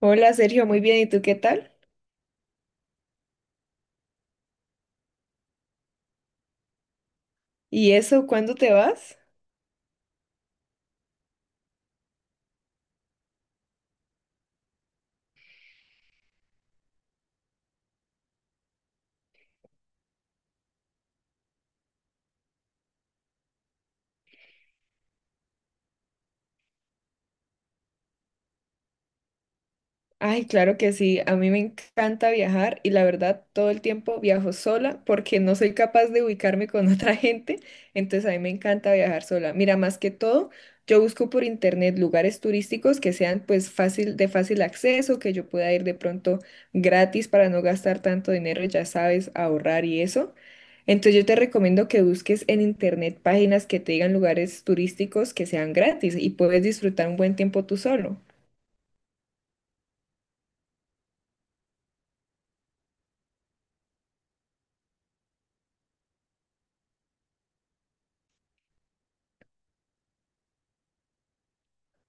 Hola Sergio, muy bien, ¿y tú qué tal? ¿Y eso, cuándo te vas? Ay, claro que sí, a mí me encanta viajar y la verdad todo el tiempo viajo sola porque no soy capaz de ubicarme con otra gente, entonces a mí me encanta viajar sola. Mira, más que todo, yo busco por internet lugares turísticos que sean pues fácil, de fácil acceso, que yo pueda ir de pronto gratis para no gastar tanto dinero, ya sabes, ahorrar y eso. Entonces yo te recomiendo que busques en internet páginas que te digan lugares turísticos que sean gratis y puedes disfrutar un buen tiempo tú solo.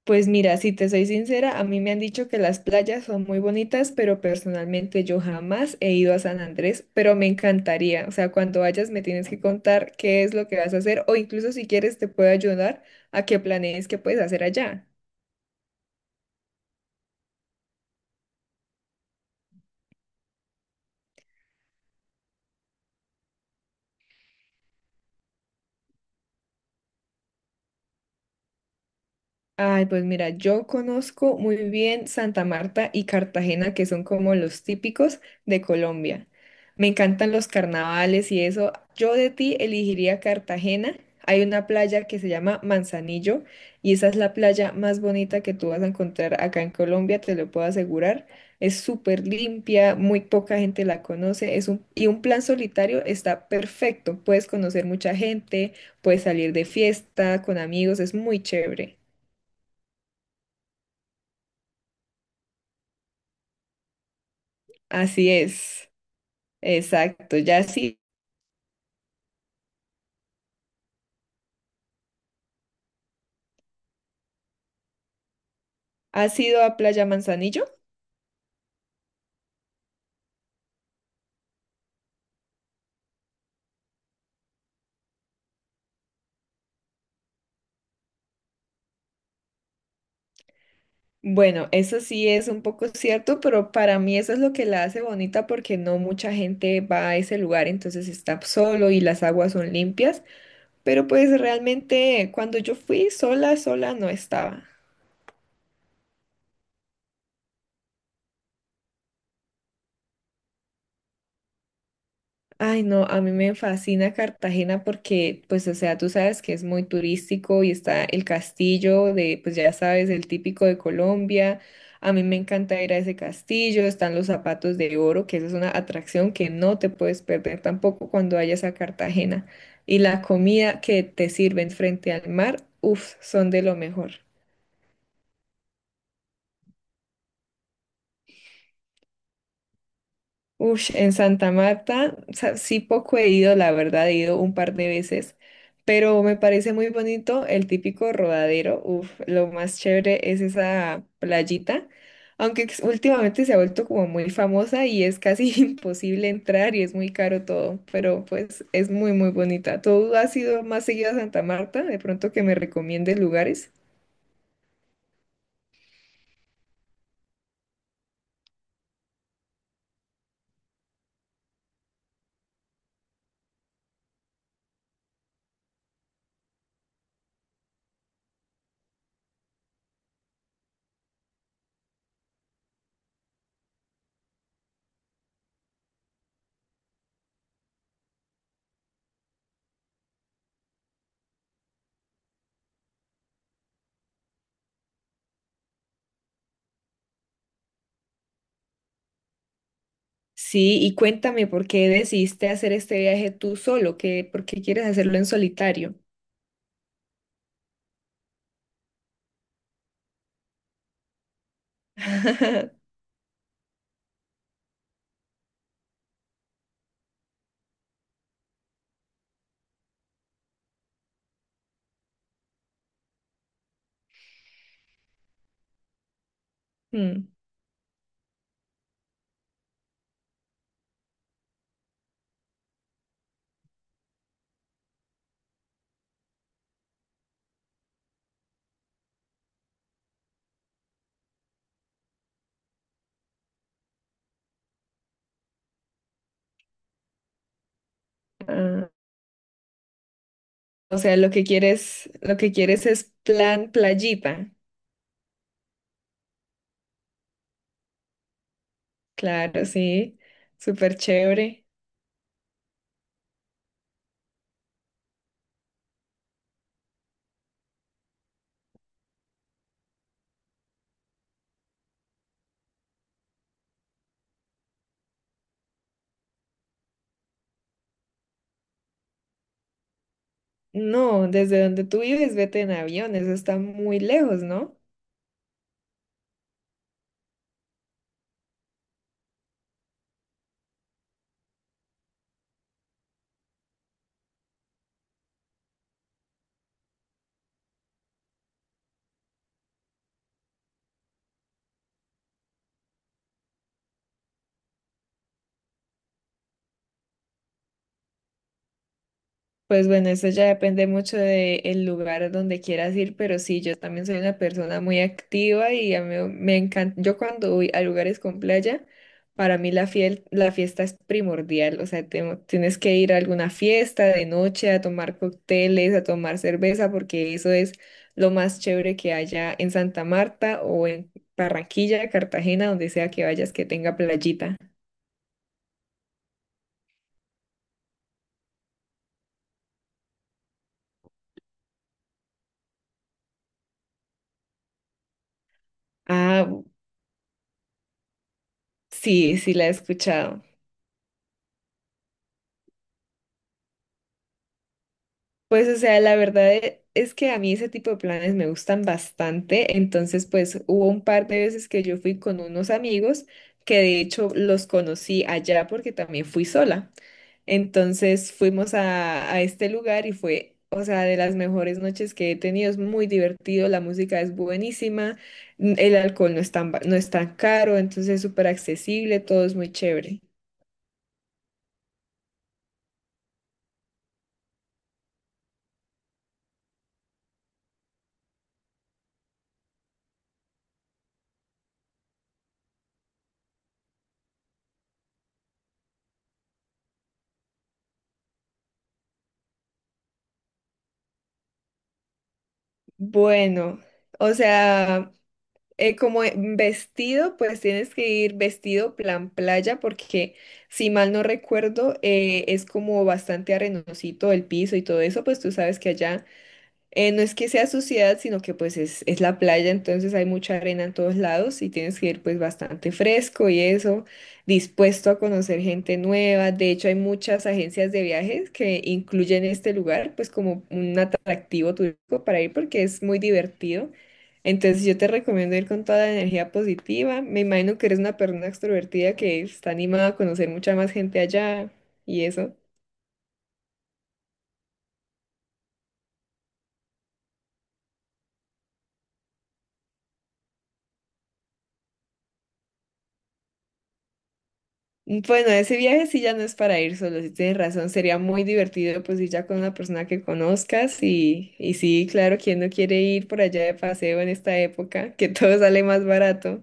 Pues mira, si te soy sincera, a mí me han dicho que las playas son muy bonitas, pero personalmente yo jamás he ido a San Andrés, pero me encantaría. O sea, cuando vayas me tienes que contar qué es lo que vas a hacer o incluso si quieres te puedo ayudar a que planees qué puedes hacer allá. Ay, pues mira, yo conozco muy bien Santa Marta y Cartagena, que son como los típicos de Colombia. Me encantan los carnavales y eso. Yo de ti elegiría Cartagena. Hay una playa que se llama Manzanillo y esa es la playa más bonita que tú vas a encontrar acá en Colombia, te lo puedo asegurar. Es súper limpia, muy poca gente la conoce, es un, y un plan solitario está perfecto. Puedes conocer mucha gente, puedes salir de fiesta con amigos, es muy chévere. Así es, exacto. Ya sí, ¿has ido a Playa Manzanillo? Bueno, eso sí es un poco cierto, pero para mí eso es lo que la hace bonita porque no mucha gente va a ese lugar, entonces está solo y las aguas son limpias, pero pues realmente cuando yo fui sola, sola no estaba. Ay, no, a mí me fascina Cartagena porque, pues, o sea, tú sabes que es muy turístico y está el castillo de, pues ya sabes, el típico de Colombia. A mí me encanta ir a ese castillo, están los zapatos de oro, que esa es una atracción que no te puedes perder tampoco cuando vayas a Cartagena. Y la comida que te sirven frente al mar, uff, son de lo mejor. Ush, en Santa Marta, o sea, sí poco he ido, la verdad, he ido un par de veces, pero me parece muy bonito el típico rodadero. Uf, lo más chévere es esa playita, aunque últimamente se ha vuelto como muy famosa y es casi imposible entrar y es muy caro todo, pero pues es muy, muy bonita. ¿Tú has ido más seguido a Santa Marta? De pronto que me recomiendes lugares. Sí, y cuéntame, ¿por qué decidiste hacer este viaje tú solo? ¿Qué, por qué quieres hacerlo en solitario? Mm. Ah, o sea, lo que quieres es plan playita. Claro, sí. Súper chévere. No, desde donde tú vives, vete en avión. Eso está muy lejos, ¿no? Pues bueno, eso ya depende mucho del lugar a donde quieras ir, pero sí, yo también soy una persona muy activa y a mí me encanta, yo cuando voy a lugares con playa, para mí la fiel, la fiesta es primordial, o sea, tienes que ir a alguna fiesta de noche a tomar cócteles, a tomar cerveza, porque eso es lo más chévere que haya en Santa Marta o en Barranquilla, Cartagena, donde sea que vayas que tenga playita. Ah, sí, sí la he escuchado. Pues, o sea, la verdad es que a mí ese tipo de planes me gustan bastante. Entonces, pues hubo un par de veces que yo fui con unos amigos que de hecho los conocí allá porque también fui sola. Entonces fuimos a este lugar y fue, o sea, de las mejores noches que he tenido. Es muy divertido, la música es buenísima, el alcohol no es tan, no es tan caro, entonces es súper accesible, todo es muy chévere. Bueno. O sea, como vestido, pues tienes que ir vestido plan playa, porque si mal no recuerdo, es como bastante arenosito el piso y todo eso, pues tú sabes que allá no es que sea suciedad, sino que pues es la playa, entonces hay mucha arena en todos lados y tienes que ir pues bastante fresco y eso, dispuesto a conocer gente nueva. De hecho, hay muchas agencias de viajes que incluyen este lugar pues como un atractivo turístico para ir porque es muy divertido. Entonces yo te recomiendo ir con toda la energía positiva. Me imagino que eres una persona extrovertida que está animada a conocer mucha más gente allá y eso. Bueno, ese viaje sí ya no es para ir solo, si tienes razón, sería muy divertido pues ir ya con una persona que conozcas y sí, claro, ¿quién no quiere ir por allá de paseo en esta época? Que todo sale más barato.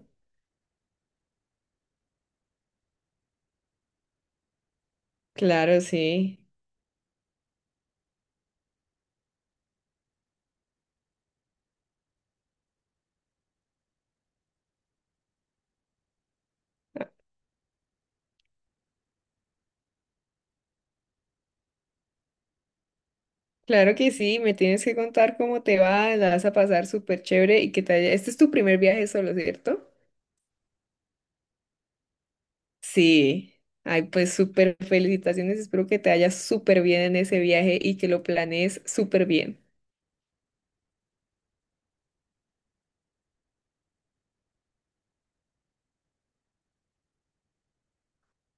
Claro, sí. Ah, claro que sí, me tienes que contar cómo te va, la vas a pasar súper chévere y que te haya... Este es tu primer viaje solo, ¿cierto? Sí. Ay, pues súper felicitaciones, espero que te haya súper bien en ese viaje y que lo planees súper bien.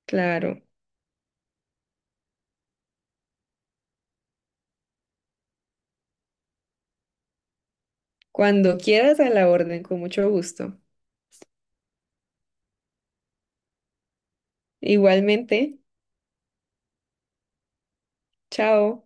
Claro. Cuando quieras a la orden, con mucho gusto. Igualmente, chao.